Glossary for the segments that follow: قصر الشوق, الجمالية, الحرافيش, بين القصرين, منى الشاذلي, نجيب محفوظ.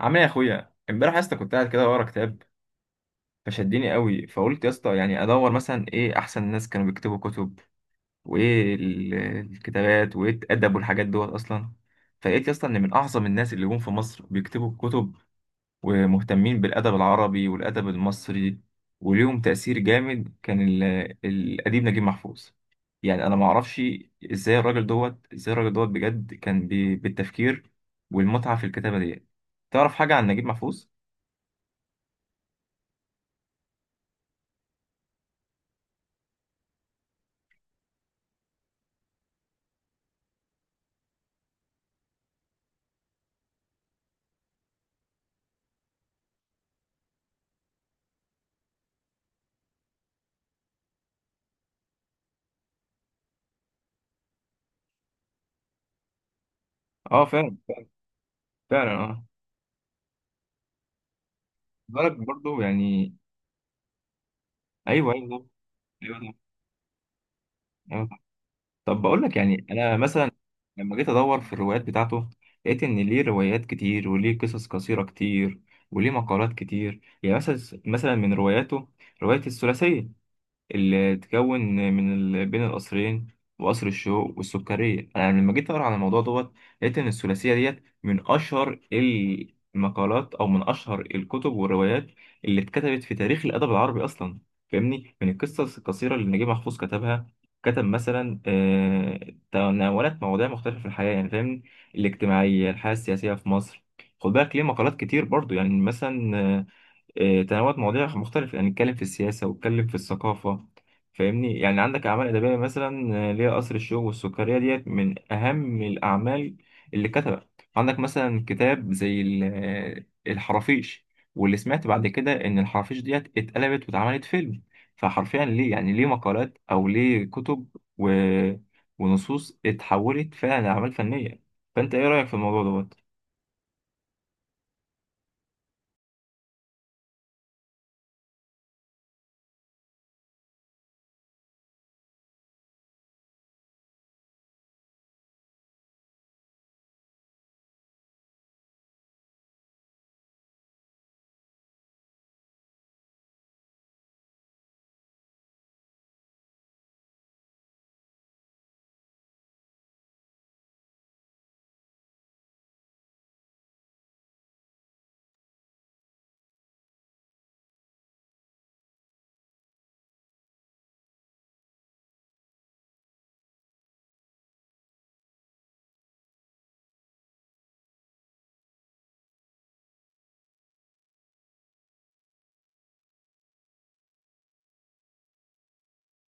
عامل ايه يا اخويا؟ امبارح يا اسطى كنت قاعد كده ورا كتاب. فشدني قوي فقلت يا اسطى يعني ادور مثلا ايه احسن ناس كانوا بيكتبوا كتب وايه الكتابات وايه الادب والحاجات دوت اصلا. فلقيت يا اسطى ان من اعظم الناس اللي جم في مصر بيكتبوا كتب ومهتمين بالادب العربي والادب المصري، وليهم تاثير جامد كان الاديب نجيب محفوظ. يعني انا ما اعرفش ازاي الراجل دوت بجد كان بالتفكير والمتعه في الكتابه ديت. تعرف حاجه عن نجيب محفوظ؟ اه فعلا، فعلا اه. بالك برضه يعني. ايوه ايوه، ايوه صح، ايوه صح. طب بقول لك يعني انا مثلا لما جيت ادور في الروايات بتاعته لقيت ان ليه روايات كتير وليه قصص قصيره كتير وليه مقالات كتير. يعني مثلا من رواياته روايه الثلاثيه اللي تكون من بين القصرين وقصر الشوق والسكرية. أنا لما جيت أقرأ عن الموضوع دوت لقيت إن الثلاثية ديت من أشهر المقالات أو من أشهر الكتب والروايات اللي اتكتبت في تاريخ الأدب العربي أصلا. فاهمني، من القصص القصيرة اللي نجيب محفوظ كتبها كتب مثلا تناولت مواضيع مختلفة في الحياة. يعني فاهمني، الاجتماعية، الحياة السياسية في مصر. خد بالك ليه مقالات كتير برضو، يعني مثلا تنوعت مواضيع مختلفة. يعني نتكلم في السياسة واتكلم في الثقافة فاهمني. يعني عندك أعمال أدبية مثلا اللي هي قصر الشوق والسكرية ديت من أهم الأعمال اللي كتبت. عندك مثلا كتاب زي الحرافيش، واللي سمعت بعد كده إن الحرافيش ديت اتقلبت واتعملت فيلم. فحرفيا ليه يعني ليه مقالات أو ليه كتب و... ونصوص اتحولت فعلا لأعمال فنية. فأنت إيه رأيك في الموضوع دوت؟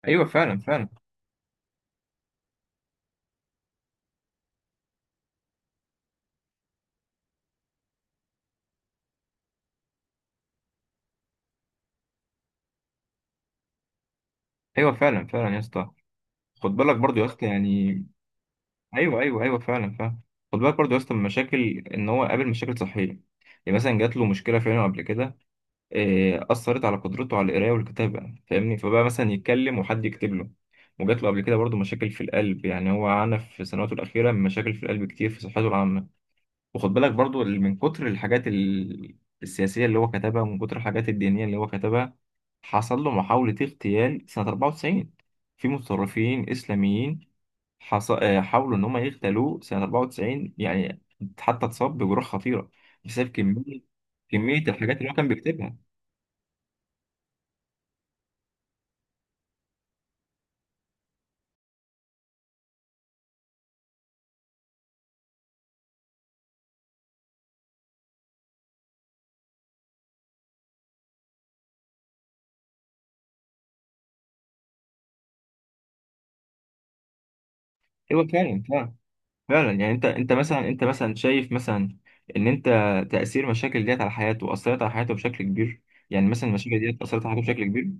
أيوه فعلا فعلا. أيوه فعلا فعلا يا اسطى. خد بالك برضو يا اسطى يعني. ايوه، ايوه، ايوه فعلا فعلا. خد بالك برضو يا اسطى، من المشاكل ان هو قابل مشاكل صحيه. يعني مثلا جات له مشكله في عينه قبل كده، اثرت على قدرته على القرايه والكتابه، فاهمني، فبقى مثلا يتكلم وحد يكتب له. وجات له قبل كده برضو مشاكل في القلب. يعني هو عانى في سنواته الاخيره من مشاكل في القلب كتير، في صحته العامه. وخد بالك برضو، اللي من كتر الحاجات السياسيه اللي هو كتبها، ومن كتر الحاجات الدينيه اللي هو كتبها، حصل له محاوله اغتيال سنه 94 في متطرفين اسلاميين. حص... آه، حاولوا ان هم يغتالوه سنه 94 يعني. حتى اتصاب بجروح خطيره بسبب كميه الحاجات اللي هو كان بيكتبها. ايوه فعلا فعلا. فعلا، يعني انت مثلا شايف مثلا ان انت تاثير المشاكل ديت على حياته اثرت على حياته بشكل كبير. يعني مثلا المشاكل ديت اثرت على حياته بشكل كبير.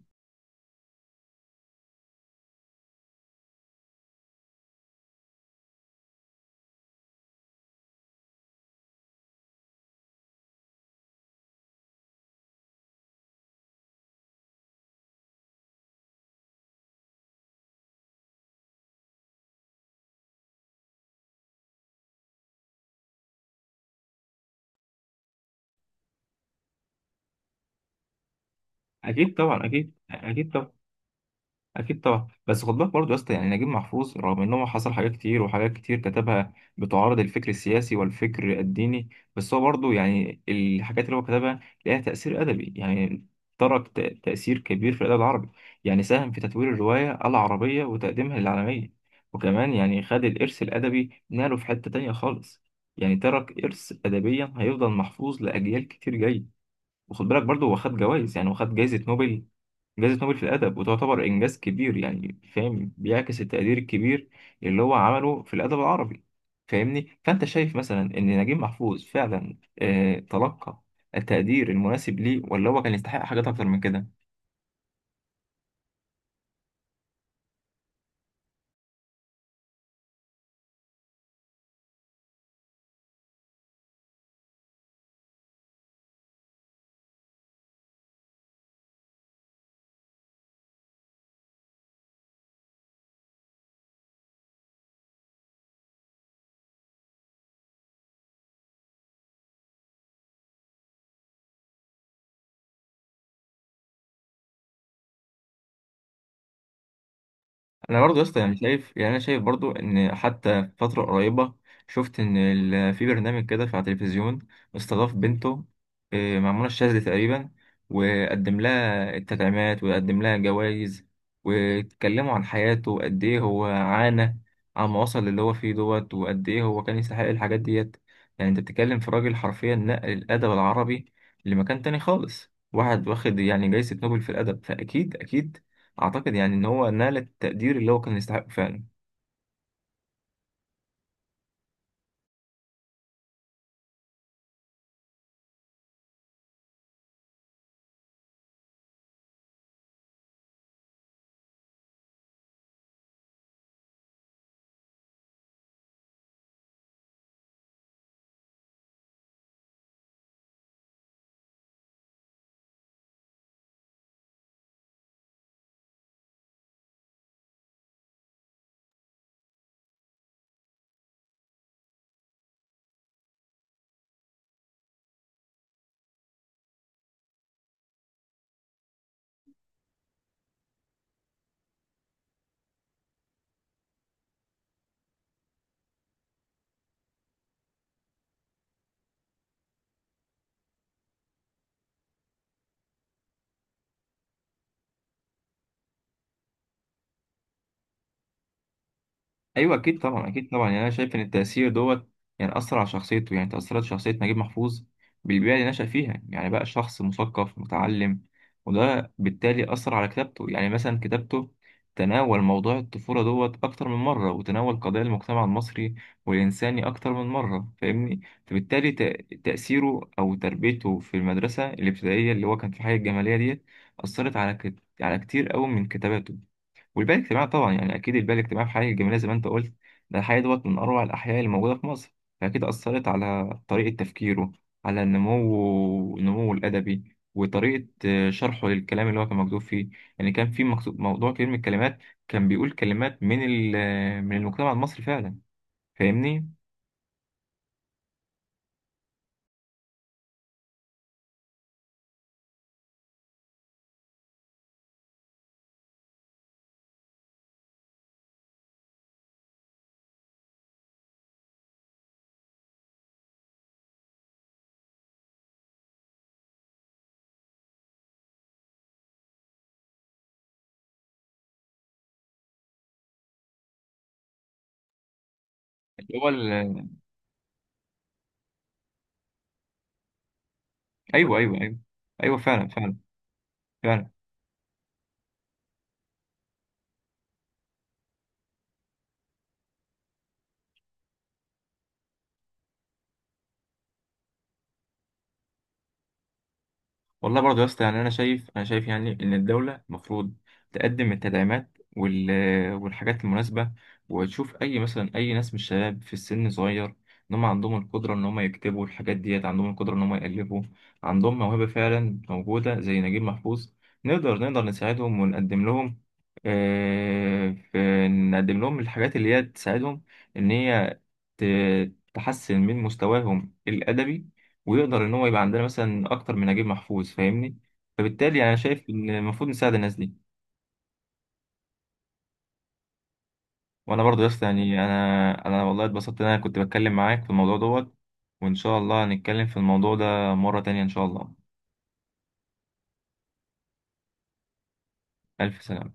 اكيد طبعا، اكيد اكيد. اكيد طبعا. بس خد بالك برضه يا اسطى، يعني نجيب محفوظ رغم ان هو حصل حاجات كتير وحاجات كتير كتبها بتعارض الفكر السياسي والفكر الديني، بس هو برضه يعني الحاجات اللي هو كتبها ليها تاثير ادبي يعني. ترك تاثير كبير في الادب العربي. يعني ساهم في تطوير الروايه العربيه وتقديمها للعالميه. وكمان يعني خد الارث الادبي، ناله في حته تانية خالص. يعني ترك ارث ادبيا هيفضل محفوظ لاجيال كتير جايه. وخد بالك برضه، هو خد جوائز. يعني هو خد جائزه نوبل جائزة نوبل في الأدب، وتعتبر إنجاز كبير. يعني فاهم، بيعكس التقدير الكبير اللي هو عمله في الأدب العربي. فاهمني، فأنت شايف مثلا إن نجيب محفوظ فعلا تلقى التقدير المناسب ليه، ولا هو كان يستحق حاجات أكتر من كده؟ انا برضه يا اسطى يعني شايف، يعني انا شايف برضه ان حتى في فتره قريبه شفت ان في برنامج كده في على التلفزيون، استضاف بنته مع منى الشاذلي تقريبا. وقدم لها التدعيمات وقدم لها جوائز، واتكلموا عن حياته وقد ايه هو عانى عما وصل للي هو فيه دوت، وقد ايه هو كان يستحق الحاجات ديت. يعني انت بتتكلم في راجل حرفيا نقل الادب العربي لمكان تاني خالص، واحد واخد يعني جايزة نوبل في الادب. فاكيد اكيد اعتقد يعني ان هو نال التقدير اللي هو كان يستحقه فعلا. ايوه اكيد طبعا، اكيد طبعا. يعني انا شايف ان التاثير دوت يعني اثر على شخصيته. يعني تاثرت شخصيه نجيب محفوظ بالبيئه اللي نشأ فيها. يعني بقى شخص مثقف متعلم، وده بالتالي اثر على كتابته. يعني مثلا كتابته تناول موضوع الطفوله دوت اكتر من مره، وتناول قضايا المجتمع المصري والانساني اكتر من مره فاهمني. فبالتالي تاثيره او تربيته في المدرسه الابتدائيه اللي هو كان في حي الجماليه ديت اثرت على على كتير قوي من كتاباته. والبنى الاجتماعي طبعا، يعني اكيد البنى الاجتماعي في حي الجماليه زي ما انت قلت، ده الحي دوت من اروع الاحياء اللي موجوده في مصر، فاكيد اثرت على طريقه تفكيره، على نموه الادبي، وطريقه شرحه للكلام اللي هو كان مكتوب فيه. يعني كان في مكتوب موضوع كتير من الكلمات، كان بيقول كلمات من من المجتمع المصري فعلا، فاهمني. اللي هو ال- ايوه ايوه، ايوه، ايوه فعلا فعلا فعلا. والله برضه يا اسطى يعني انا شايف يعني ان الدوله المفروض تقدم التدعيمات والحاجات المناسبه، وتشوف اي مثلا اي ناس من الشباب في السن صغير، ان هم عندهم القدره ان هم يكتبوا الحاجات ديت، عندهم القدره ان هم يالفوا، عندهم موهبه فعلا موجوده زي نجيب محفوظ. نقدر نساعدهم ونقدم لهم نقدم لهم الحاجات اللي هي تساعدهم ان هي تحسن من مستواهم الأدبي، ويقدر إن هو يبقى عندنا مثلا أكتر من نجيب محفوظ فاهمني. فبالتالي أنا شايف إن المفروض نساعد الناس دي. وأنا برضه يا اسطى يعني أنا والله اتبسطت إن أنا كنت بتكلم معاك في الموضوع دوت، وإن شاء الله هنتكلم في الموضوع ده مرة تانية إن شاء الله. ألف سلامة.